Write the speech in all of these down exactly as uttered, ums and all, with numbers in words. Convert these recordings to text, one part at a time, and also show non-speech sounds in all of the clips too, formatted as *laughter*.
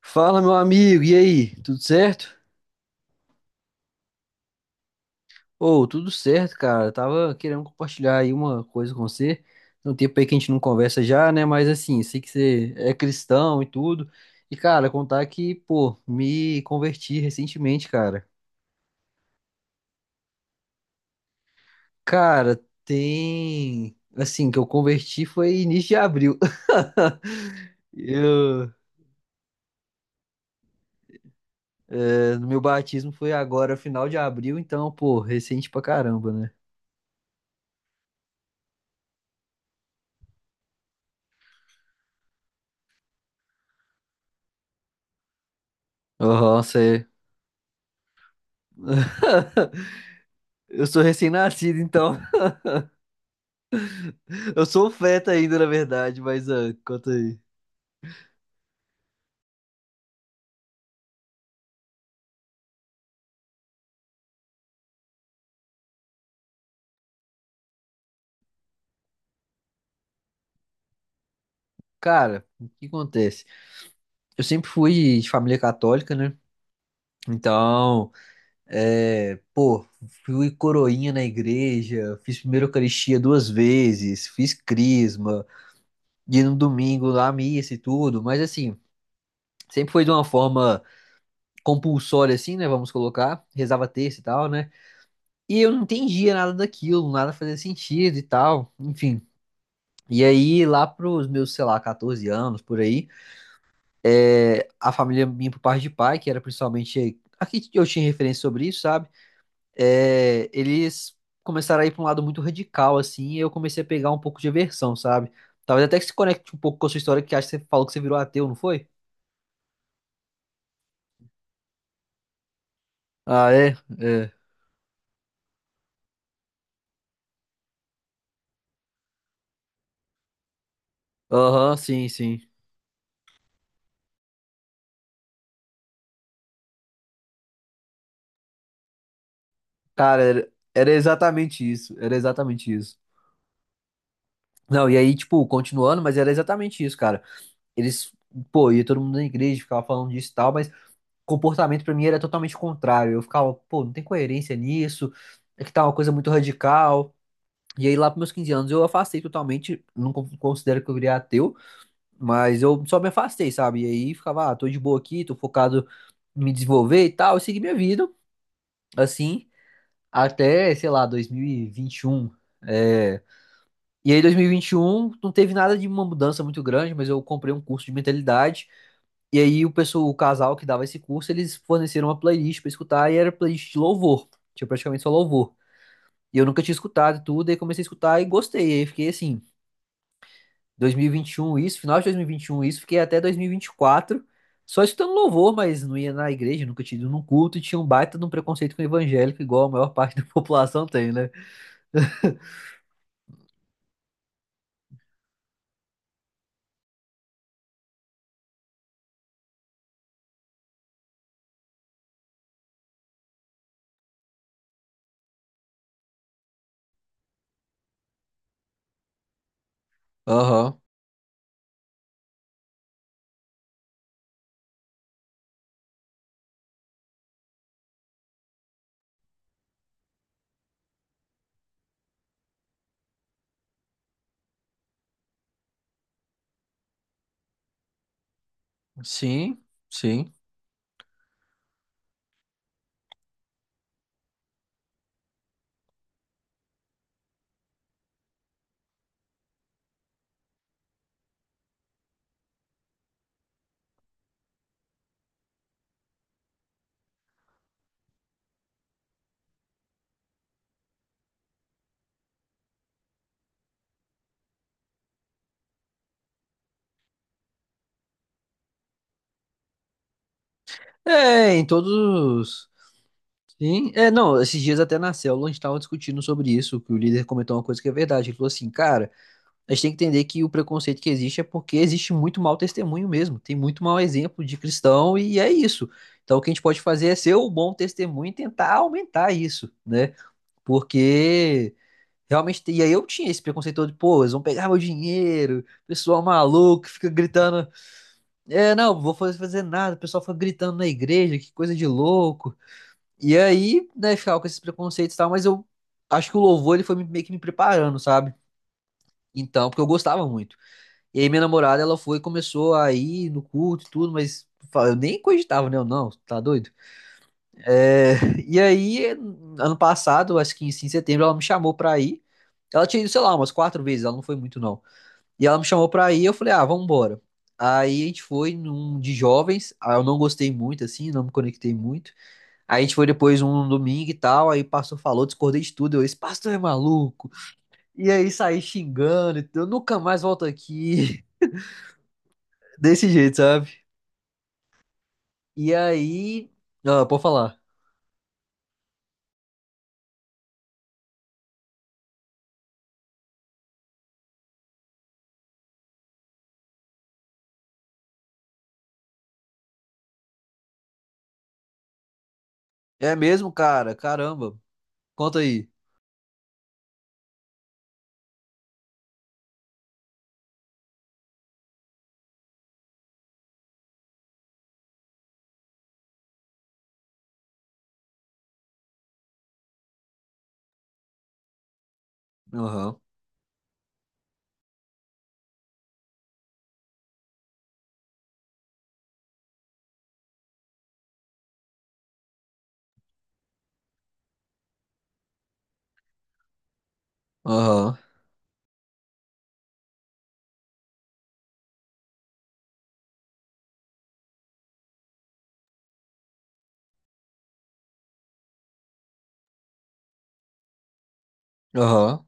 Fala, meu amigo, e aí? Tudo certo? Ô, tudo certo, cara. Eu tava querendo compartilhar aí uma coisa com você. Tem um tempo aí que a gente não conversa já, né? Mas assim, sei que você é cristão e tudo. E, cara, contar que, pô, me converti recentemente, cara. Cara, tem. Assim, que eu converti foi início de abril. *laughs* Eu... é, Meu batismo foi agora, final de abril, então, pô, recente pra caramba, né? Aham, você. Eu sou recém-nascido, então. Eu sou feta ainda, na verdade, mas ah, conta aí. Cara, o que acontece? Eu sempre fui de família católica, né? Então, é, pô, fui coroinha na igreja, fiz primeira Eucaristia duas vezes, fiz crisma, ia no domingo lá à missa e tudo, mas assim, sempre foi de uma forma compulsória assim, né, vamos colocar, rezava terça e tal, né? E eu não entendia nada daquilo, nada fazia sentido e tal, enfim. E aí, lá pros meus, sei lá, catorze anos, por aí, é, a família minha por parte de pai, que era principalmente. Aqui eu tinha referência sobre isso, sabe? É, eles começaram a ir para um lado muito radical, assim, e eu comecei a pegar um pouco de aversão, sabe? Talvez até que se conecte um pouco com a sua história, que acho que você falou que você virou ateu, não foi? Ah, é? É. Aham, sim, sim. Cara, era, era exatamente isso. Era exatamente isso. Não, e aí, tipo, continuando, mas era exatamente isso, cara. Eles, pô, ia todo mundo na igreja, ficava falando disso e tal, mas comportamento pra mim era totalmente contrário. Eu ficava, pô, não tem coerência nisso, é que tá uma coisa muito radical. E aí lá pros meus quinze anos eu afastei totalmente, não con- considero que eu virei ateu, mas eu só me afastei, sabe? E aí ficava, ah, tô de boa aqui, tô focado em me desenvolver e tal, e segui minha vida, assim, até, sei lá, dois mil e vinte e um. É... E aí dois mil e vinte e um não teve nada de uma mudança muito grande, mas eu comprei um curso de mentalidade. E aí o pessoal, o casal que dava esse curso, eles forneceram uma playlist pra escutar e era playlist de louvor. Tinha praticamente só louvor. E eu nunca tinha escutado e tudo, aí comecei a escutar e gostei. Aí fiquei assim, dois mil e vinte e um isso, final de dois mil e vinte e um isso, fiquei até dois mil e vinte e quatro só escutando louvor, mas não ia na igreja, nunca tinha ido num culto e tinha um baita de um preconceito com o evangélico, igual a maior parte da *laughs* população tem, né? Aham, sim, sim. É, em todos. Sim, é, não, esses dias até na célula a gente estava discutindo sobre isso, que o líder comentou uma coisa que é verdade, ele falou assim, cara, a gente tem que entender que o preconceito que existe é porque existe muito mau testemunho mesmo, tem muito mau exemplo de cristão e é isso. Então o que a gente pode fazer é ser o bom testemunho e tentar aumentar isso, né? Porque realmente, e aí eu tinha esse preconceito todo de, pô, eles vão pegar meu dinheiro, pessoal maluco, que fica gritando, é, não, vou fazer fazer nada, o pessoal fica gritando na igreja, que coisa de louco. E aí, né, ficava com esses preconceitos e tal, mas eu acho que o louvor ele foi me- meio que me preparando, sabe? Então, porque eu gostava muito. E aí minha namorada, ela foi e começou a ir no culto e tudo, mas fa- eu nem cogitava, né? Eu, não, tá doido? É, *laughs* E aí, ano passado, acho que em em setembro, ela me chamou pra ir. Ela tinha ido, sei lá, umas quatro vezes, ela não foi muito, não. E ela me chamou pra ir, eu falei, ah, vamos embora. Aí a gente foi num de jovens, ah, eu não gostei muito, assim, não me conectei muito. Aí a gente foi depois um domingo e tal, aí o pastor falou, discordei de tudo, eu disse, pastor é maluco. E aí saí xingando, e eu nunca mais volto aqui, *laughs* desse jeito, sabe? E aí, ah, pode falar. É mesmo, cara? Caramba. Conta aí. Aham, aham, aham,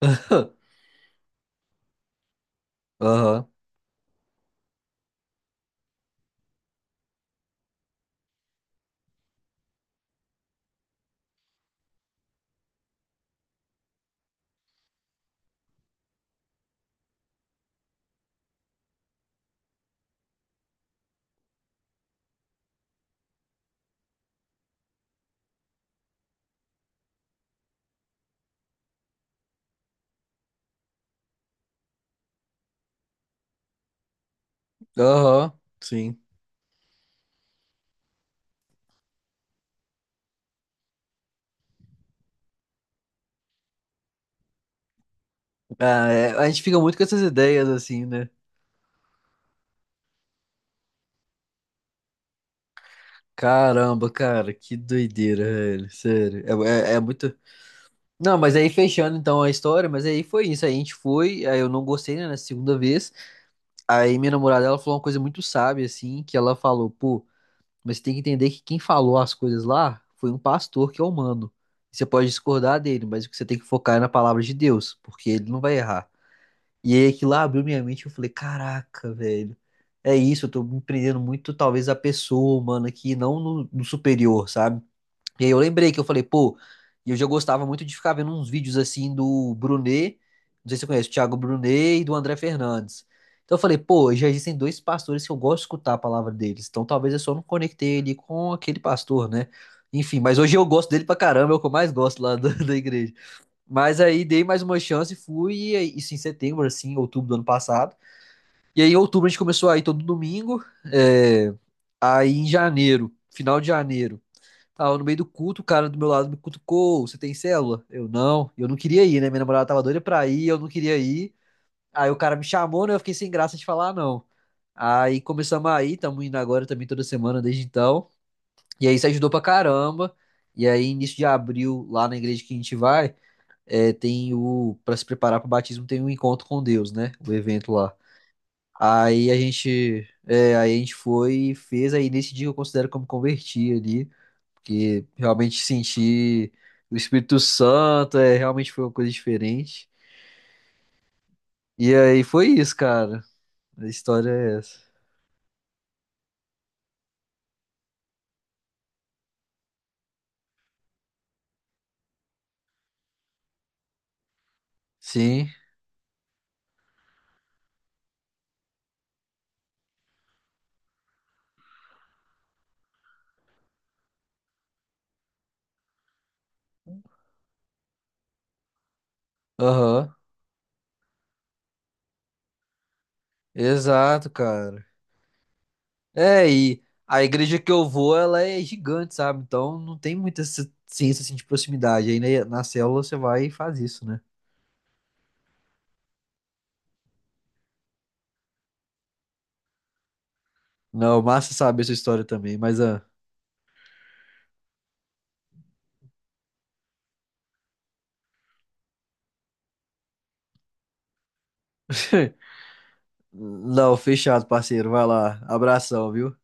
*laughs* aham, aham, sim. Ah, é, a gente fica muito com essas ideias assim, né? Caramba, cara, que doideira, velho, sério. É, é, é muito. Não, mas aí fechando então a história, mas aí foi isso. Aí a gente foi, aí eu não gostei, né, na segunda vez. Aí minha namorada, ela falou uma coisa muito sábia, assim, que ela falou, pô, mas você tem que entender que quem falou as coisas lá foi um pastor que é humano. Você pode discordar dele, mas o que você tem que focar é na palavra de Deus, porque ele não vai errar. E aí aquilo lá abriu minha mente, eu falei, caraca, velho, é isso, eu tô me prendendo muito, talvez, a pessoa humana aqui, não no no superior, sabe? E aí eu lembrei que eu falei, pô, e eu já gostava muito de ficar vendo uns vídeos assim do Brunet, não sei se você conhece, o Thiago Brunet e do André Fernandes. Então eu falei, pô, já existem dois pastores que eu gosto de escutar a palavra deles, então talvez eu só não conectei ele com aquele pastor, né? Enfim, mas hoje eu gosto dele pra caramba, é o que eu mais gosto lá *laughs* da, da igreja. Mas aí dei mais uma chance, e fui, e aí- isso em setembro, assim, outubro do ano passado. E aí em outubro a gente começou a ir todo domingo, é, aí em janeiro, final de janeiro. Tava no meio do culto, o cara do meu lado me cutucou. Você tem célula? Eu não. Eu não queria ir, né? Minha namorada tava doida pra ir, eu não queria ir. Aí o cara me chamou, né? Eu fiquei sem graça de falar, "Ah, não. Aí começamos a ir, estamos indo agora também toda semana desde então. E aí isso ajudou pra caramba. E aí, início de abril, lá na igreja que a gente vai, é, tem o. Pra se preparar pro batismo, tem um encontro com Deus, né? O evento lá. Aí a gente. É, aí a gente foi e fez. Aí nesse dia eu considero que eu me converti ali, que realmente senti o Espírito Santo, é, realmente foi uma coisa diferente. E aí foi isso, cara. A história é essa. Sim, aham. Exato, cara. É, e a igreja que eu vou, ela é gigante, sabe? Então não tem muita essa ciência assim, de proximidade. Aí né, na célula você vai e faz isso, né? Não, massa saber essa história também, mas ah, *laughs* não, fechado, parceiro. Vai lá. Abração, viu?